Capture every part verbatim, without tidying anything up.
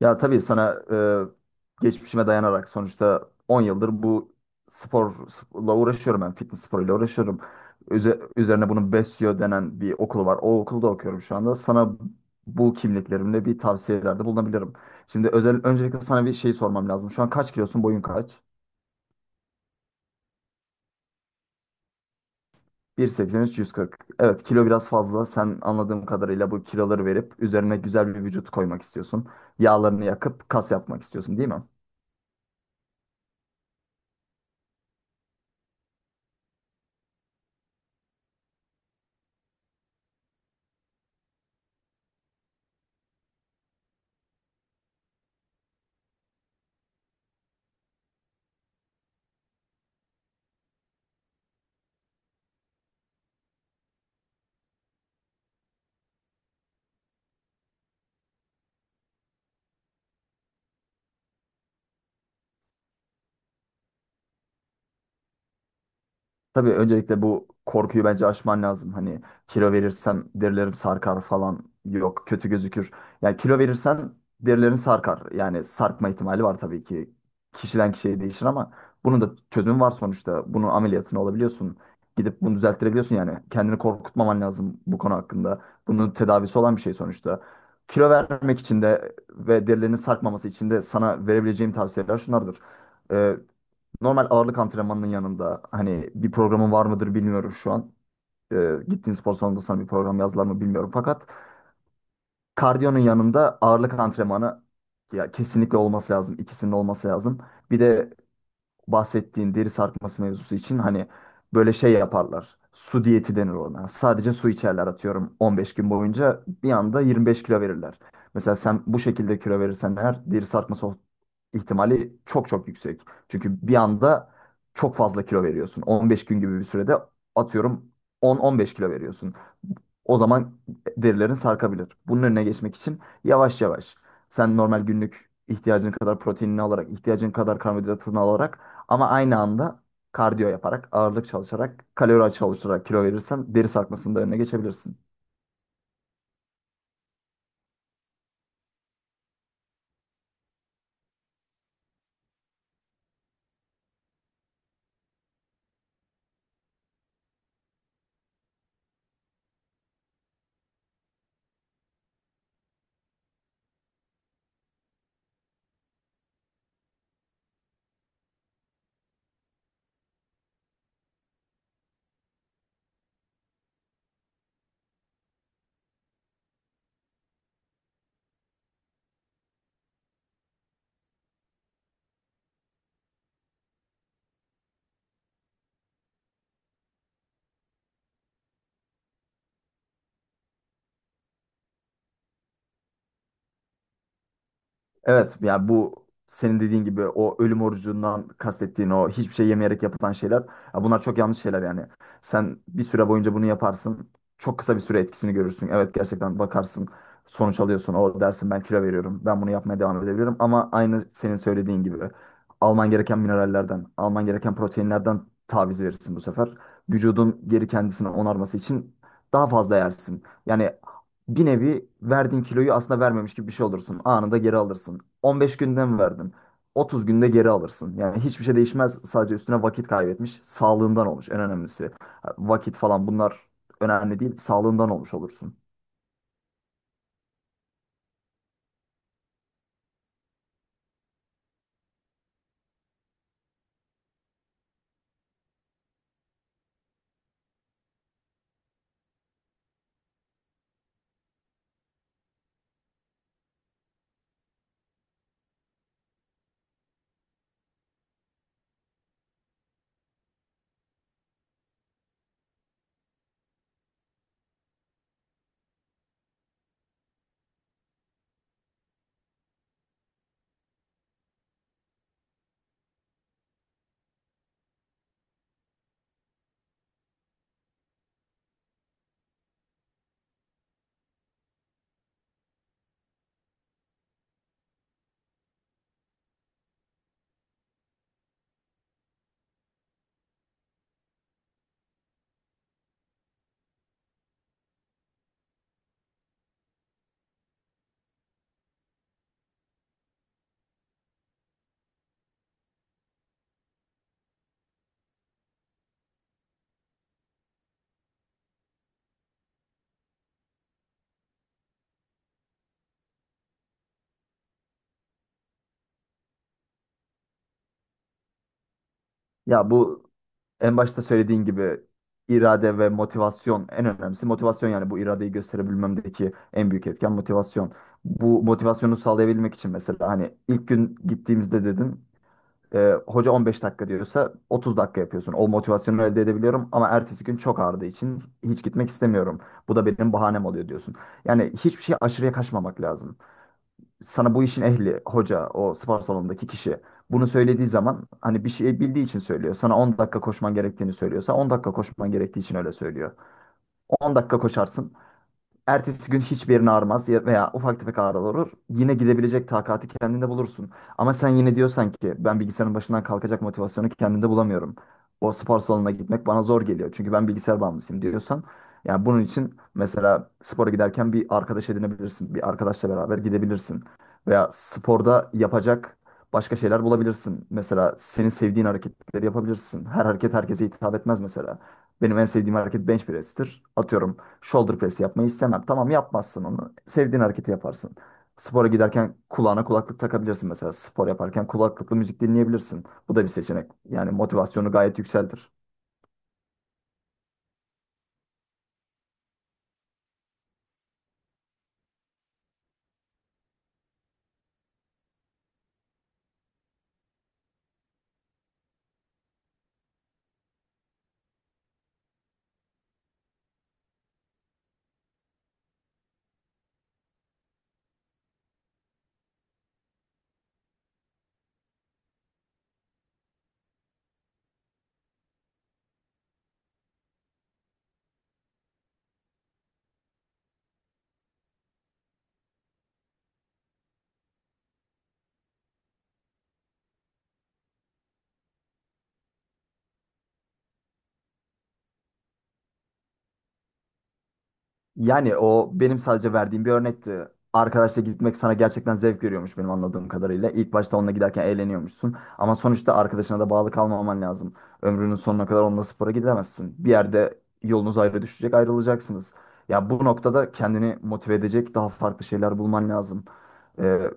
Ya tabii sana e, geçmişime dayanarak sonuçta on yıldır bu sporla uğraşıyorum ben. Fitness sporuyla uğraşıyorum. Üze- üzerine bunun Besyo denen bir okulu var. O okulda okuyorum şu anda. Sana bu kimliklerimle bir tavsiyelerde bulunabilirim. Şimdi özel öncelikle sana bir şey sormam lazım. Şu an kaç kilosun? Boyun kaç? bir nokta seksen üç, yüz kırk. Evet, kilo biraz fazla. Sen anladığım kadarıyla bu kiloları verip üzerine güzel bir vücut koymak istiyorsun. Yağlarını yakıp kas yapmak istiyorsun, değil mi? Tabii öncelikle bu korkuyu bence aşman lazım. Hani kilo verirsen derilerim sarkar falan, yok, kötü gözükür. Yani kilo verirsen derilerin sarkar. Yani sarkma ihtimali var tabii ki. Kişiden kişiye değişir ama bunun da çözümü var sonuçta. Bunun ameliyatını olabiliyorsun. Gidip bunu düzelttirebiliyorsun yani. Kendini korkutmaman lazım bu konu hakkında. Bunun tedavisi olan bir şey sonuçta. Kilo vermek için de ve derilerinin sarkmaması için de sana verebileceğim tavsiyeler şunlardır. Ee, Normal ağırlık antrenmanının yanında hani bir programın var mıdır bilmiyorum şu an. Ee, Gittiğin spor salonunda sana bir program yazdılar mı bilmiyorum. Fakat kardiyonun yanında ağırlık antrenmanı ya kesinlikle olması lazım. İkisinin olması lazım. Bir de bahsettiğin deri sarkması mevzusu için hani böyle şey yaparlar. Su diyeti denir ona. Sadece su içerler, atıyorum on beş gün boyunca bir anda yirmi beş kilo verirler. Mesela sen bu şekilde kilo verirsen eğer deri sarkması o- ihtimali çok çok yüksek. Çünkü bir anda çok fazla kilo veriyorsun. on beş gün gibi bir sürede atıyorum on on beş kilo veriyorsun. O zaman derilerin sarkabilir. Bunun önüne geçmek için yavaş yavaş sen normal günlük ihtiyacın kadar proteinini alarak, ihtiyacın kadar karbonhidratını alarak, ama aynı anda kardiyo yaparak, ağırlık çalışarak, kalori çalışarak kilo verirsen deri sarkmasının da önüne geçebilirsin. Evet, yani bu senin dediğin gibi o ölüm orucundan kastettiğin o hiçbir şey yemeyerek yapılan şeyler, ya bunlar çok yanlış şeyler yani. Sen bir süre boyunca bunu yaparsın. Çok kısa bir süre etkisini görürsün. Evet, gerçekten bakarsın sonuç alıyorsun. O dersin ben kilo veriyorum. Ben bunu yapmaya devam edebilirim. Ama aynı senin söylediğin gibi alman gereken minerallerden, alman gereken proteinlerden taviz verirsin bu sefer. Vücudun geri kendisini onarması için daha fazla yersin. Yani bir nevi verdiğin kiloyu aslında vermemiş gibi bir şey olursun. Anında geri alırsın. on beş günde mi verdin? otuz günde geri alırsın. Yani hiçbir şey değişmez. Sadece üstüne vakit kaybetmiş, sağlığından olmuş en önemlisi. Vakit falan bunlar önemli değil. Sağlığından olmuş olursun. Ya, bu en başta söylediğin gibi irade ve motivasyon en önemlisi. Motivasyon, yani bu iradeyi gösterebilmemdeki en büyük etken motivasyon. Bu motivasyonu sağlayabilmek için mesela hani ilk gün gittiğimizde dedin, E, hoca on beş dakika diyorsa otuz dakika yapıyorsun. O motivasyonu elde edebiliyorum ama ertesi gün çok ağrıdığı için hiç gitmek istemiyorum. Bu da benim bahanem oluyor diyorsun. Yani hiçbir şey aşırıya kaçmamak lazım. Sana bu işin ehli, hoca, o spor salonundaki kişi bunu söylediği zaman hani bir şey bildiği için söylüyor. Sana on dakika koşman gerektiğini söylüyorsa on dakika koşman gerektiği için öyle söylüyor. On dakika koşarsın. Ertesi gün hiçbir yerin ağrımaz ya- veya ufak tefek ağrılar olur. Yine gidebilecek takati kendinde bulursun. Ama sen yine diyorsan ki ben bilgisayarın başından kalkacak motivasyonu kendimde bulamıyorum. O spor salonuna gitmek bana zor geliyor. Çünkü ben bilgisayar bağımlısıyım diyorsan. Yani bunun için mesela spora giderken bir arkadaş edinebilirsin. Bir arkadaşla beraber gidebilirsin. Veya sporda yapacak başka şeyler bulabilirsin. Mesela senin sevdiğin hareketleri yapabilirsin. Her hareket herkese hitap etmez mesela. Benim en sevdiğim hareket bench press'tir. Atıyorum, shoulder press yapmayı istemem. Tamam, yapmazsın onu. Sevdiğin hareketi yaparsın. Spora giderken kulağına kulaklık takabilirsin mesela. Spor yaparken kulaklıklı müzik dinleyebilirsin. Bu da bir seçenek. Yani motivasyonu gayet yükseltir. Yani o benim sadece verdiğim bir örnekti. Arkadaşla gitmek sana gerçekten zevk veriyormuş benim anladığım kadarıyla. İlk başta onunla giderken eğleniyormuşsun. Ama sonuçta arkadaşına da bağlı kalmaman lazım. Ömrünün sonuna kadar onunla spora gidemezsin. Bir yerde yolunuz ayrı düşecek, ayrılacaksınız. Ya, bu noktada kendini motive edecek daha farklı şeyler bulman lazım. Ee,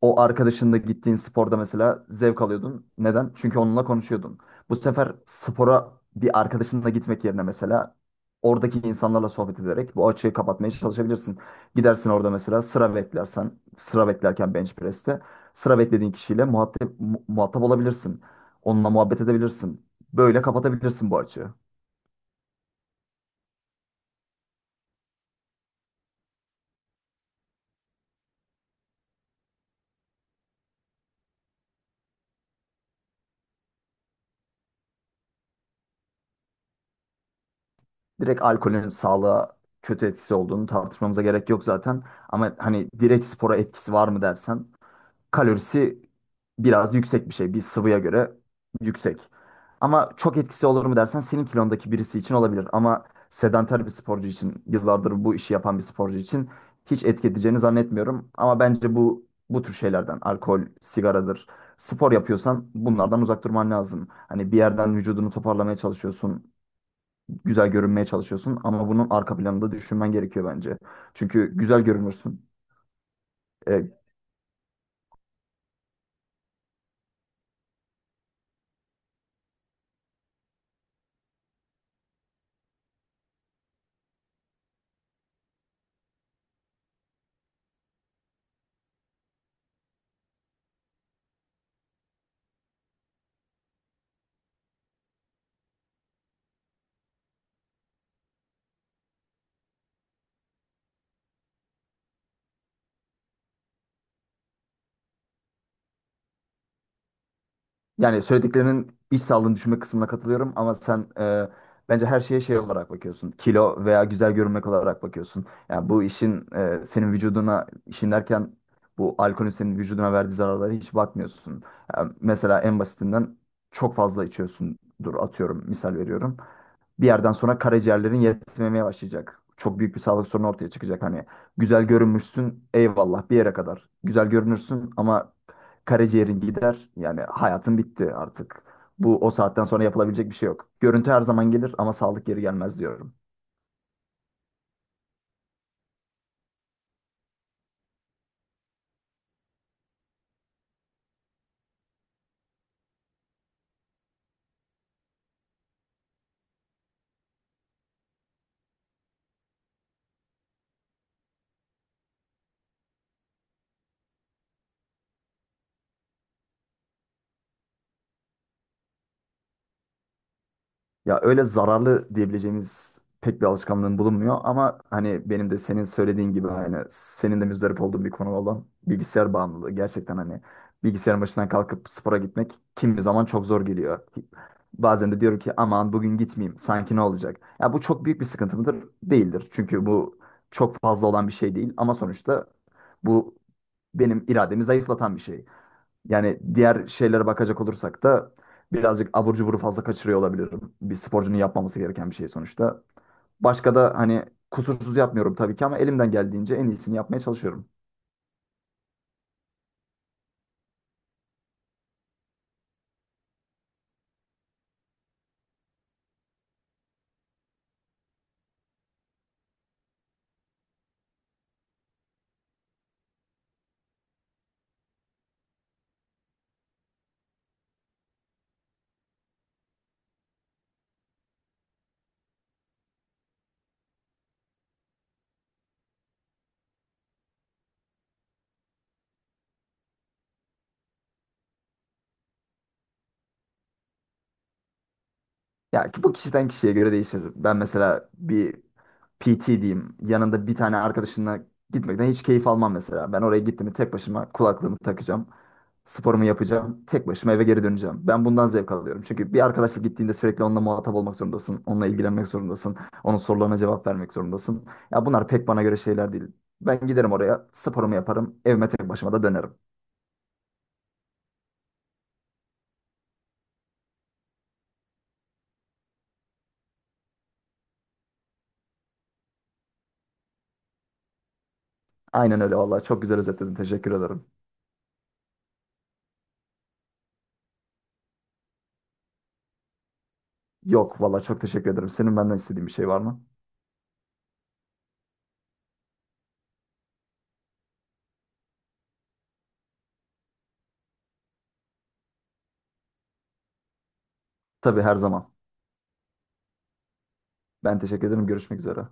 O arkadaşınla gittiğin sporda mesela zevk alıyordun. Neden? Çünkü onunla konuşuyordun. Bu sefer spora bir arkadaşınla gitmek yerine mesela oradaki insanlarla sohbet ederek bu açığı kapatmaya çalışabilirsin. Gidersin orada mesela, sıra beklersen, sıra beklerken bench press'te sıra beklediğin kişiyle muhatap, mu- muhatap olabilirsin. Onunla muhabbet edebilirsin. Böyle kapatabilirsin bu açığı. Direkt alkolün sağlığa kötü etkisi olduğunu tartışmamıza gerek yok zaten. Ama hani direkt spora etkisi var mı dersen, kalorisi biraz yüksek bir şey. Bir sıvıya göre yüksek. Ama çok etkisi olur mu dersen senin kilondaki birisi için olabilir. Ama sedanter bir sporcu için, yıllardır bu işi yapan bir sporcu için hiç etki edeceğini zannetmiyorum. Ama bence bu bu tür şeylerden, alkol, sigaradır, spor yapıyorsan bunlardan uzak durman lazım. Hani bir yerden vücudunu toparlamaya çalışıyorsun, güzel görünmeye çalışıyorsun ama bunun arka planını da düşünmen gerekiyor bence. Çünkü güzel görünürsün, e, Yani söylediklerinin iç sağlığını düşünme kısmına katılıyorum ama sen e, bence her şeye şey olarak bakıyorsun. Kilo veya güzel görünmek olarak bakıyorsun. Yani bu işin e, senin vücuduna, işin derken bu alkolün senin vücuduna verdiği zararlara hiç bakmıyorsun. Yani mesela en basitinden çok fazla içiyorsundur, atıyorum, misal veriyorum, bir yerden sonra karaciğerlerin yetmemeye başlayacak. Çok büyük bir sağlık sorunu ortaya çıkacak. Hani güzel görünmüşsün, eyvallah, bir yere kadar. Güzel görünürsün ama karaciğerin gider. Yani hayatın bitti artık. Bu o saatten sonra yapılabilecek bir şey yok. Görüntü her zaman gelir ama sağlık geri gelmez diyorum. Ya öyle zararlı diyebileceğimiz pek bir alışkanlığım bulunmuyor ama hani benim de senin söylediğin gibi, hani senin de müzdarip olduğun bir konu olan bilgisayar bağımlılığı. Gerçekten hani bilgisayarın başından kalkıp spora gitmek kimi zaman çok zor geliyor. Bazen de diyorum ki aman bugün gitmeyeyim, sanki ne olacak? Ya bu çok büyük bir sıkıntı mıdır? Değildir. Çünkü bu çok fazla olan bir şey değil ama sonuçta bu benim irademi zayıflatan bir şey. Yani diğer şeylere bakacak olursak da birazcık abur cuburu fazla kaçırıyor olabilirim. Bir sporcunun yapmaması gereken bir şey sonuçta. Başka da hani, kusursuz yapmıyorum tabii ki ama elimden geldiğince en iyisini yapmaya çalışıyorum. Ya ki bu kişiden kişiye göre değişir. Ben mesela bir P T diyeyim. Yanında bir tane arkadaşınla gitmekten hiç keyif almam mesela. Ben oraya gittim tek başıma, kulaklığımı takacağım. Sporumu yapacağım. Tek başıma eve geri döneceğim. Ben bundan zevk alıyorum. Çünkü bir arkadaşla gittiğinde sürekli onunla muhatap olmak zorundasın. Onunla ilgilenmek zorundasın. Onun sorularına cevap vermek zorundasın. Ya bunlar pek bana göre şeyler değil. Ben giderim oraya, sporumu yaparım. Evime tek başıma da dönerim. Aynen öyle, vallahi çok güzel özetledin. Teşekkür ederim. Yok, vallahi çok teşekkür ederim. Senin benden istediğin bir şey var mı? Tabii, her zaman. Ben teşekkür ederim. Görüşmek üzere.